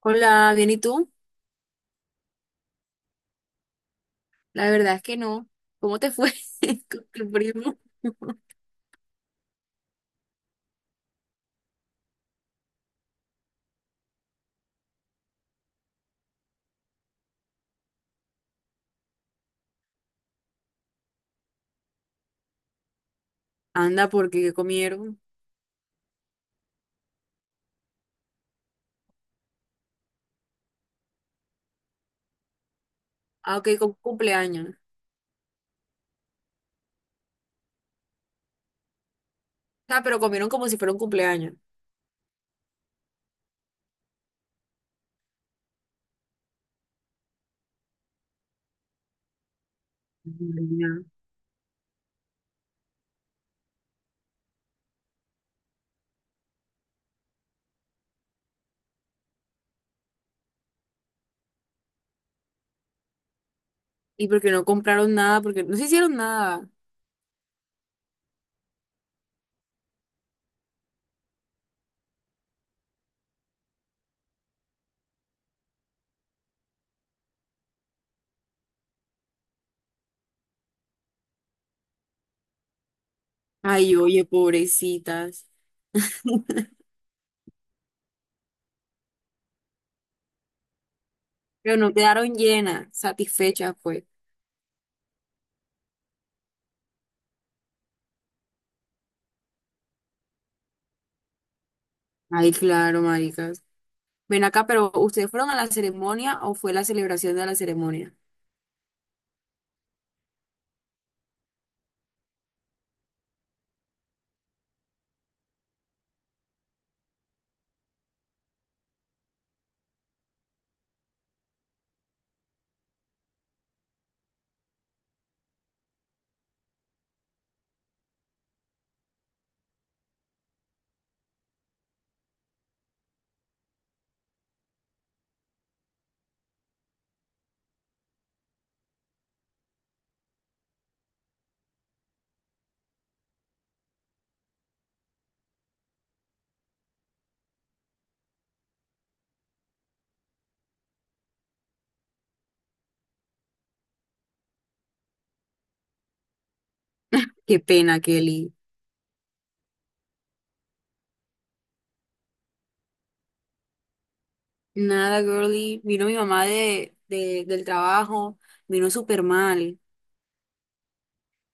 Hola, bien, ¿y tú? La verdad es que no. ¿Cómo te fue con tu primo? Anda, porque ¿qué comieron? Ah, ok, con cumpleaños. Ah, pero comieron como si fuera un cumpleaños. Ya. Y porque no compraron nada, porque no se hicieron nada. Ay, oye, pobrecitas. Pero no quedaron llenas, satisfechas, pues. Ay, claro, maricas. Ven acá, pero ¿ustedes fueron a la ceremonia o fue la celebración de la ceremonia? Qué pena, Kelly. Nada, girly. Vino mi mamá del trabajo, vino súper mal.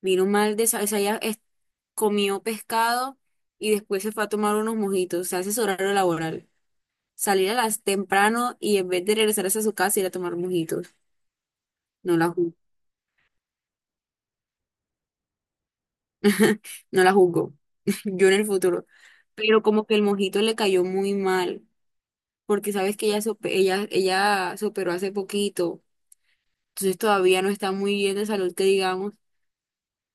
Vino mal o sea, comió pescado y después se fue a tomar unos mojitos, o sea, ese es su horario laboral. Salir a las temprano y en vez de regresarse a su casa ir a tomar mojitos. No la juzgo. No la juzgo. Yo en el futuro. Pero como que el mojito le cayó muy mal, porque sabes que ella se operó hace poquito, entonces todavía no está muy bien de salud, que digamos.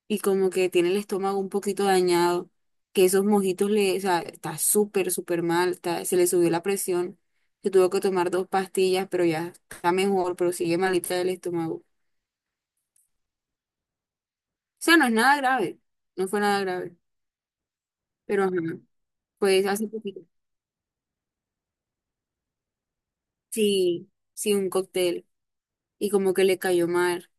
Y como que tiene el estómago un poquito dañado, que esos mojitos le, o sea, está súper, súper mal, se le subió la presión, se tuvo que tomar dos pastillas, pero ya está mejor, pero sigue malita del estómago. O sea, no es nada grave, no fue nada grave, pero ajá, pues hace poquito, sí, sí, un cóctel, y como que le cayó mal,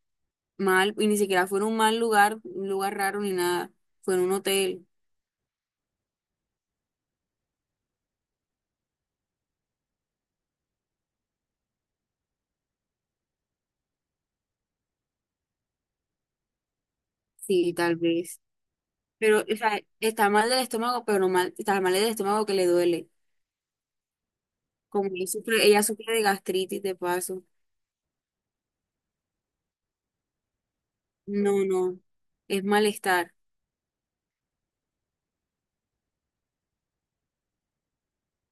mal, y ni siquiera fue en un mal lugar, un lugar raro ni nada, fue en un hotel, sí, tal vez. Pero, o sea, está mal del estómago, pero no mal, está mal del estómago que le duele. Como ella sufre de gastritis de paso. No, no, es malestar.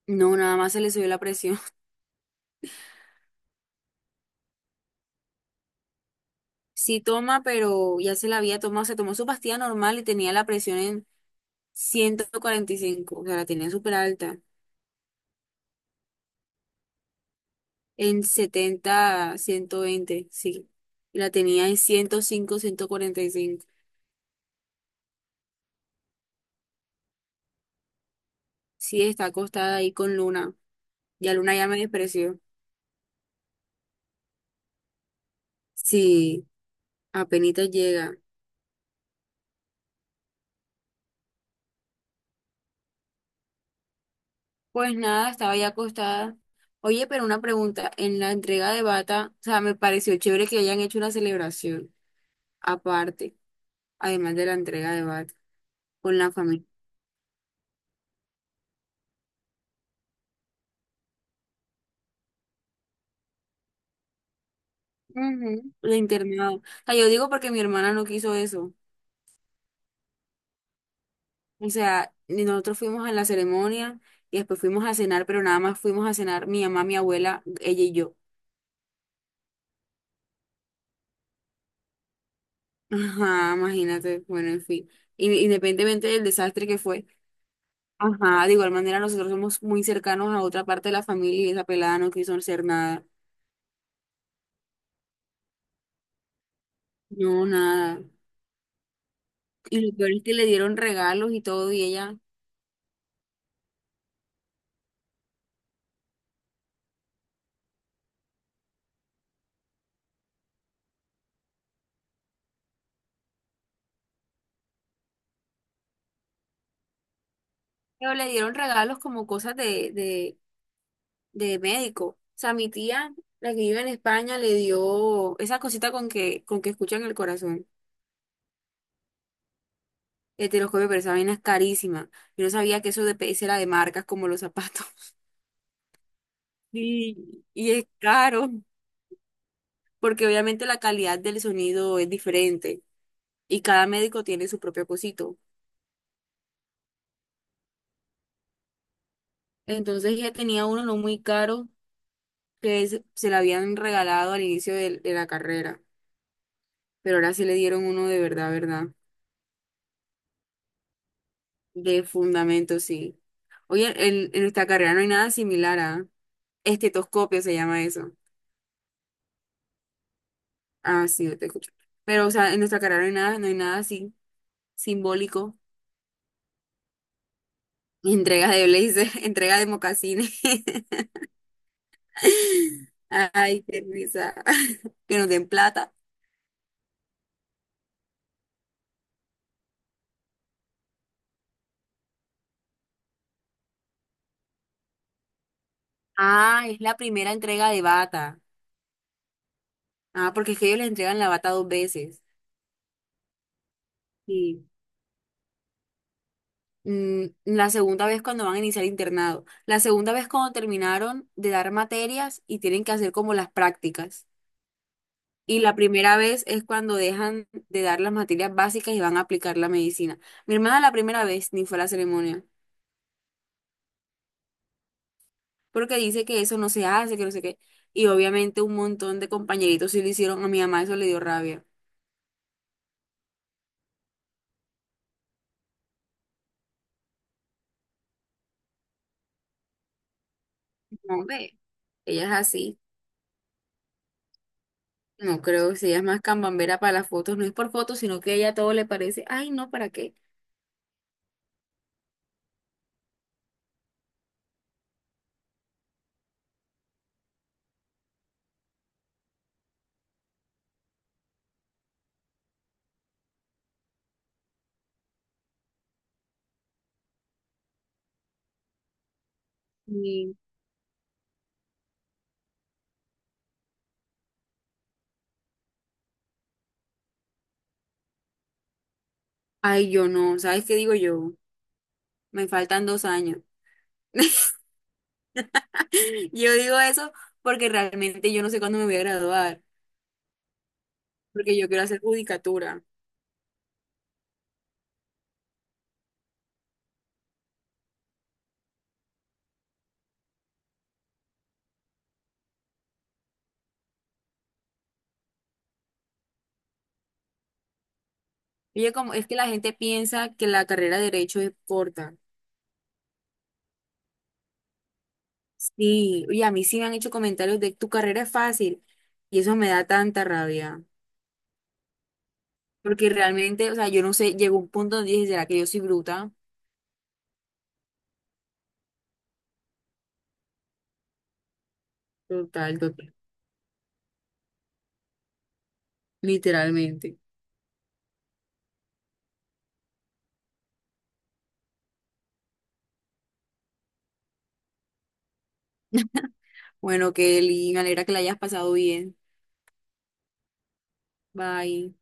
No, nada más se le subió la presión. Sí toma, pero ya se la había tomado, se tomó su pastilla normal y tenía la presión en 145, o sea, la tenía súper alta, en 70 120, sí. Y la tenía en ciento cinco 145. Sí, está acostada ahí con Luna. Ya Luna ya me despreció. Sí, apenas llega. Pues nada, estaba ya acostada. Oye, pero una pregunta, en la entrega de bata, o sea, me pareció chévere que hayan hecho una celebración aparte, además de la entrega de bata, con la familia. Ujú. El internado. O sea, yo digo porque mi hermana no quiso eso. O sea, ni nosotros fuimos a la ceremonia y después fuimos a cenar, pero nada más fuimos a cenar mi mamá, mi abuela, ella y yo. Ajá, imagínate, bueno, en fin. Independientemente del desastre que fue. Ajá, de igual manera nosotros somos muy cercanos a otra parte de la familia y esa pelada no quiso hacer nada. No, nada. Y lo peor es que le dieron regalos y todo y ella, pero le dieron regalos como cosas de médico. O sea, mi tía, la que vive en España, le dio esa cosita con que escuchan el corazón. Eteroscopio, pero esa vaina es carísima. Yo no sabía que eso de PS era de marcas como los zapatos. Y es caro, porque obviamente la calidad del sonido es diferente. Y cada médico tiene su propio cosito. Entonces ella tenía uno no muy caro se le habían regalado al inicio de la carrera, pero ahora sí le dieron uno de verdad, ¿verdad? De fundamento, sí. Oye, en nuestra carrera no hay nada similar a estetoscopio, se llama eso. Ah, sí, yo te escucho. Pero, o sea, en nuestra carrera no hay nada, no hay nada así simbólico. Entrega de blazer, entrega de mocasines. Ay, qué risa. Que nos den plata. Ah, es la primera entrega de bata. Ah, porque es que ellos les entregan la bata dos veces. Y la segunda vez cuando van a iniciar internado. La segunda vez cuando terminaron de dar materias y tienen que hacer como las prácticas. Y la primera vez es cuando dejan de dar las materias básicas y van a aplicar la medicina. Mi hermana la primera vez ni fue a la ceremonia, porque dice que eso no se hace, que no sé qué. Y obviamente un montón de compañeritos sí lo hicieron, a mi mamá eso le dio rabia. No, ve, ella es así. No creo, si ella es más cambambera para las fotos, no es por fotos, sino que a ella todo le parece, ay, no, ¿para qué? Y, ay, yo no, ¿sabes qué digo yo? Me faltan 2 años. Yo digo eso porque realmente yo no sé cuándo me voy a graduar, porque yo quiero hacer judicatura. Oye, como es que la gente piensa que la carrera de derecho es corta. Sí, y a mí sí me han hecho comentarios de tu carrera es fácil y eso me da tanta rabia, porque realmente, o sea, yo no sé, llegó un punto donde dije, ¿será que yo soy bruta? Total, total, literalmente. Bueno, Kelly, me alegra que la hayas pasado bien. Bye.